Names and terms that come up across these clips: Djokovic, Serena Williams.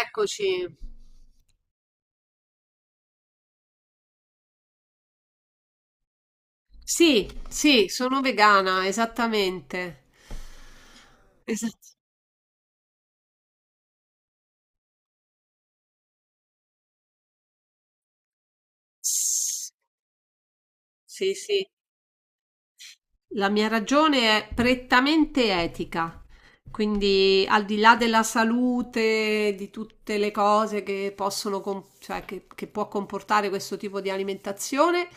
Eccoci. Sì, sì, sono vegana, esattamente. Esatto. Sì, sì. La mia ragione è prettamente etica, quindi al di là della salute, di tutte le cose che possono, cioè che può comportare questo tipo di alimentazione,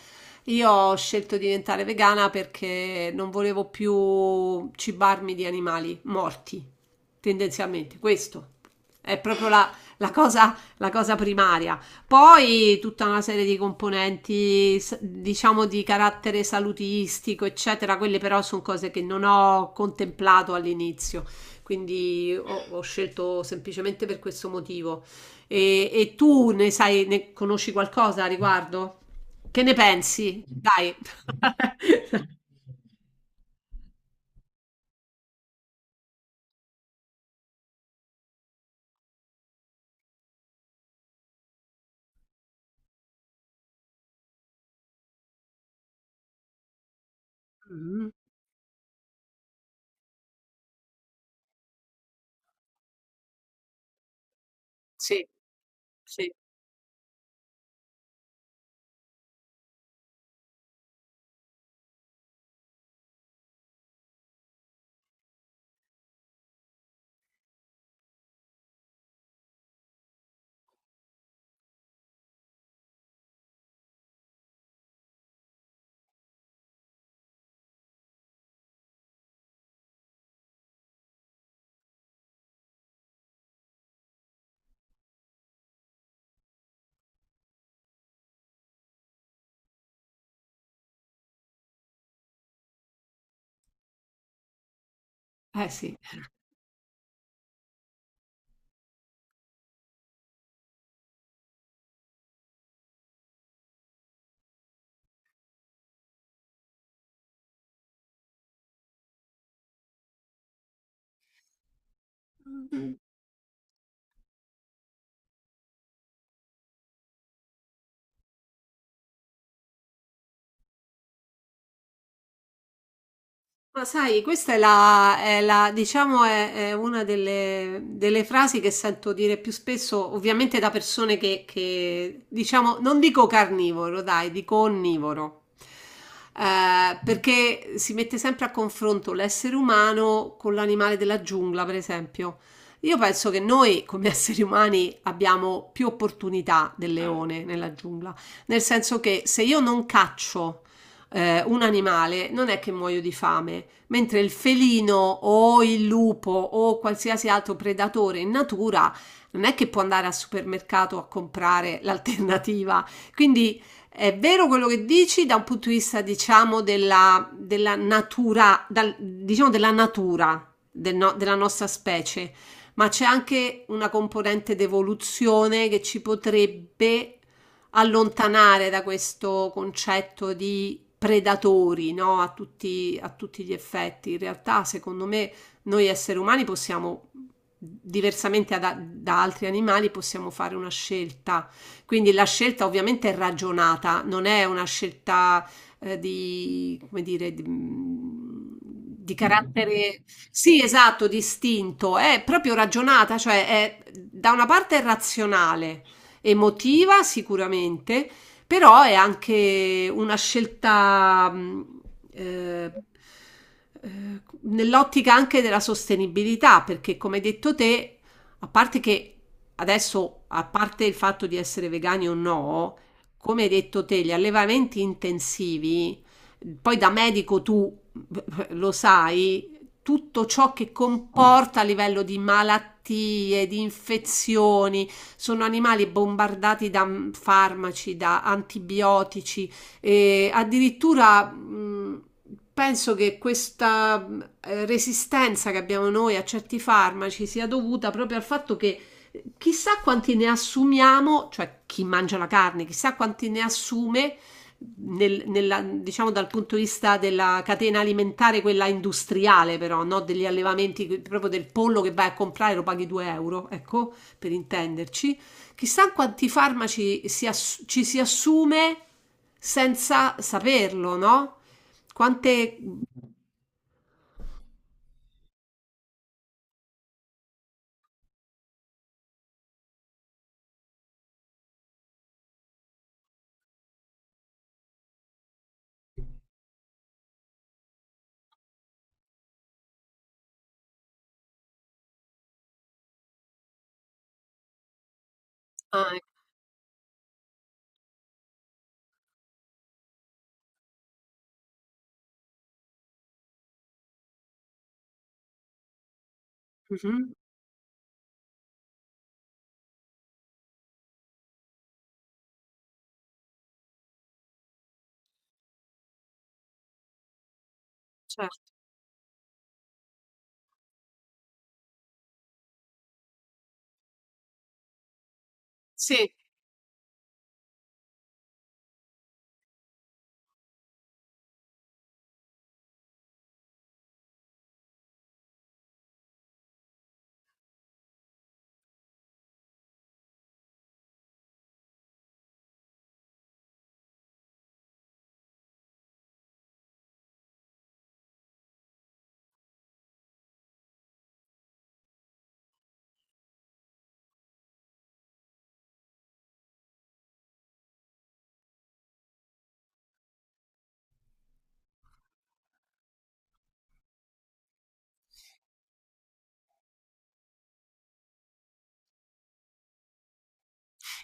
io ho scelto di diventare vegana perché non volevo più cibarmi di animali morti. Tendenzialmente questo è proprio la cosa primaria. Poi tutta una serie di componenti, diciamo, di carattere salutistico, eccetera, quelle però sono cose che non ho contemplato all'inizio, quindi ho scelto semplicemente per questo motivo. E tu ne sai, ne conosci qualcosa a riguardo? Che ne pensi? Dai. Mm, sì, sì, eh sì. Ma sai, questa è diciamo, è una delle, delle frasi che sento dire più spesso, ovviamente da persone che diciamo, non dico carnivoro, dai, dico onnivoro. Perché si mette sempre a confronto l'essere umano con l'animale della giungla, per esempio. Io penso che noi, come esseri umani, abbiamo più opportunità del leone nella giungla, nel senso che se io non caccio, un animale, non è che muoio di fame, mentre il felino o il lupo o qualsiasi altro predatore in natura non è che può andare al supermercato a comprare l'alternativa. Quindi è vero quello che dici da un punto di vista, diciamo, della natura, diciamo della natura del no- della nostra specie, ma c'è anche una componente d'evoluzione che ci potrebbe allontanare da questo concetto di predatori, no? A tutti gli effetti. In realtà, secondo me, noi esseri umani possiamo, diversamente da altri animali, possiamo fare una scelta. Quindi la scelta ovviamente è ragionata, non è una scelta di, come dire, di carattere, sì, esatto, distinto, è proprio ragionata, cioè è, da una parte è razionale, emotiva sicuramente, però è anche una scelta eh, eh, nell'ottica anche della sostenibilità, perché come hai detto te, a parte che adesso, a parte il fatto di essere vegani o no, come hai detto te, gli allevamenti intensivi, poi da medico tu lo sai, tutto ciò che comporta a livello di malattie, di infezioni, sono animali bombardati da farmaci, da antibiotici e addirittura penso che questa resistenza che abbiamo noi a certi farmaci sia dovuta proprio al fatto che chissà quanti ne assumiamo, cioè chi mangia la carne, chissà quanti ne assume diciamo dal punto di vista della catena alimentare, quella industriale, però, no? Degli allevamenti, proprio del pollo che vai a comprare lo paghi 2 euro, ecco, per intenderci. Chissà quanti farmaci ci si assume senza saperlo, no? Quante... Ah, ecco, mhm, certo. Sì,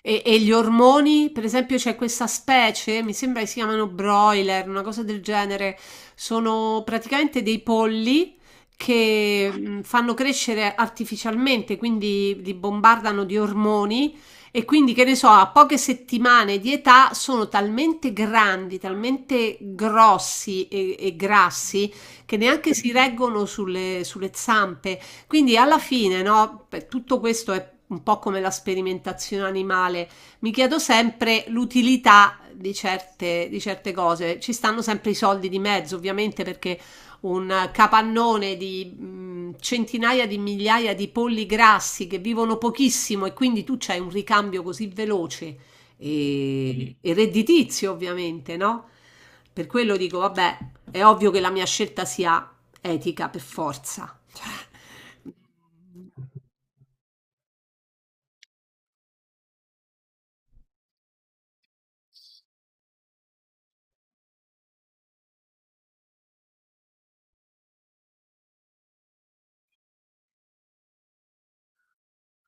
e gli ormoni, per esempio, c'è questa specie, mi sembra che si chiamano broiler, una cosa del genere, sono praticamente dei polli che fanno crescere artificialmente, quindi li bombardano di ormoni e quindi, che ne so, a poche settimane di età sono talmente grandi, talmente grossi e grassi che neanche si reggono sulle, sulle zampe. Quindi alla fine, no, per tutto questo è un po' come la sperimentazione animale, mi chiedo sempre l'utilità di certe cose. Ci stanno sempre i soldi di mezzo, ovviamente, perché un capannone di centinaia di migliaia di polli grassi che vivono pochissimo e quindi tu c'hai un ricambio così veloce e redditizio, ovviamente, no? Per quello dico, vabbè, è ovvio che la mia scelta sia etica per forza. Cioè,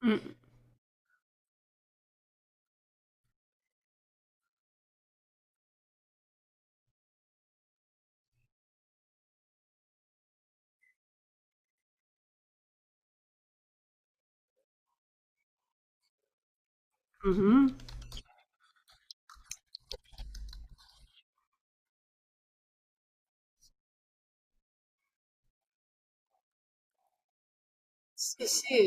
mh, mh-mh. Sì, sì.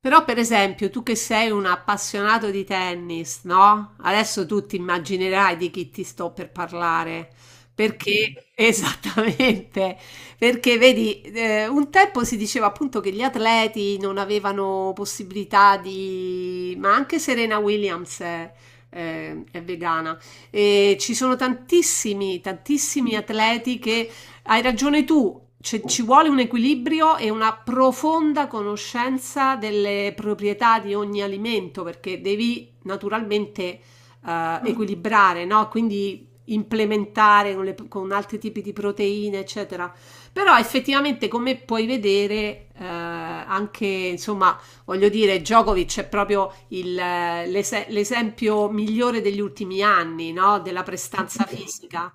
Però per esempio tu che sei un appassionato di tennis, no? Adesso tu ti immaginerai di chi ti sto per parlare, perché esattamente, perché vedi, un tempo si diceva appunto che gli atleti non avevano possibilità di, ma anche Serena Williams è, è vegana e ci sono tantissimi, tantissimi atleti che hai ragione tu, ci vuole un equilibrio e una profonda conoscenza delle proprietà di ogni alimento perché devi naturalmente equilibrare, no? Quindi implementare con, con altri tipi di proteine, eccetera. Però effettivamente, come puoi vedere, anche insomma, voglio dire, Djokovic è proprio il l'esempio migliore degli ultimi anni, no? Della prestanza fisica.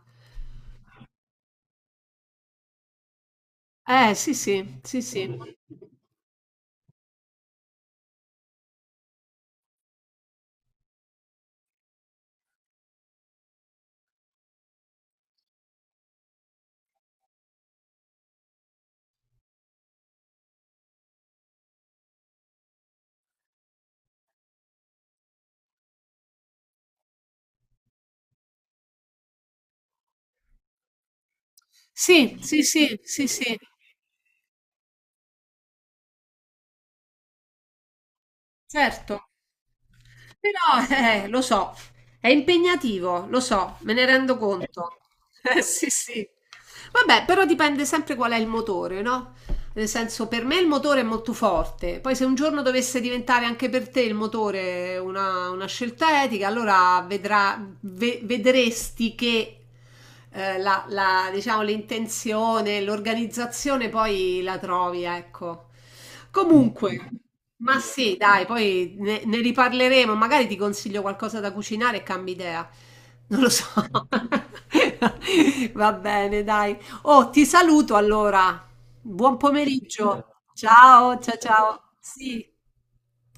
Sì, sì, sì, sì. Sì, sì, sì, sì, sì, certo. Però, lo so, è impegnativo, lo so, me ne rendo conto. Sì, sì. Vabbè, però dipende sempre qual è il motore, no? Nel senso, per me il motore è molto forte. Poi se un giorno dovesse diventare anche per te il motore una scelta etica, allora vedrà, vedresti che la, la, diciamo, l'intenzione, l'organizzazione poi la trovi, ecco. Comunque, ma sì, dai, poi ne, ne riparleremo. Magari ti consiglio qualcosa da cucinare e cambi idea. Non lo so. Va bene, dai. Oh, ti saluto allora. Buon pomeriggio. Ciao, ciao, ciao. Sì.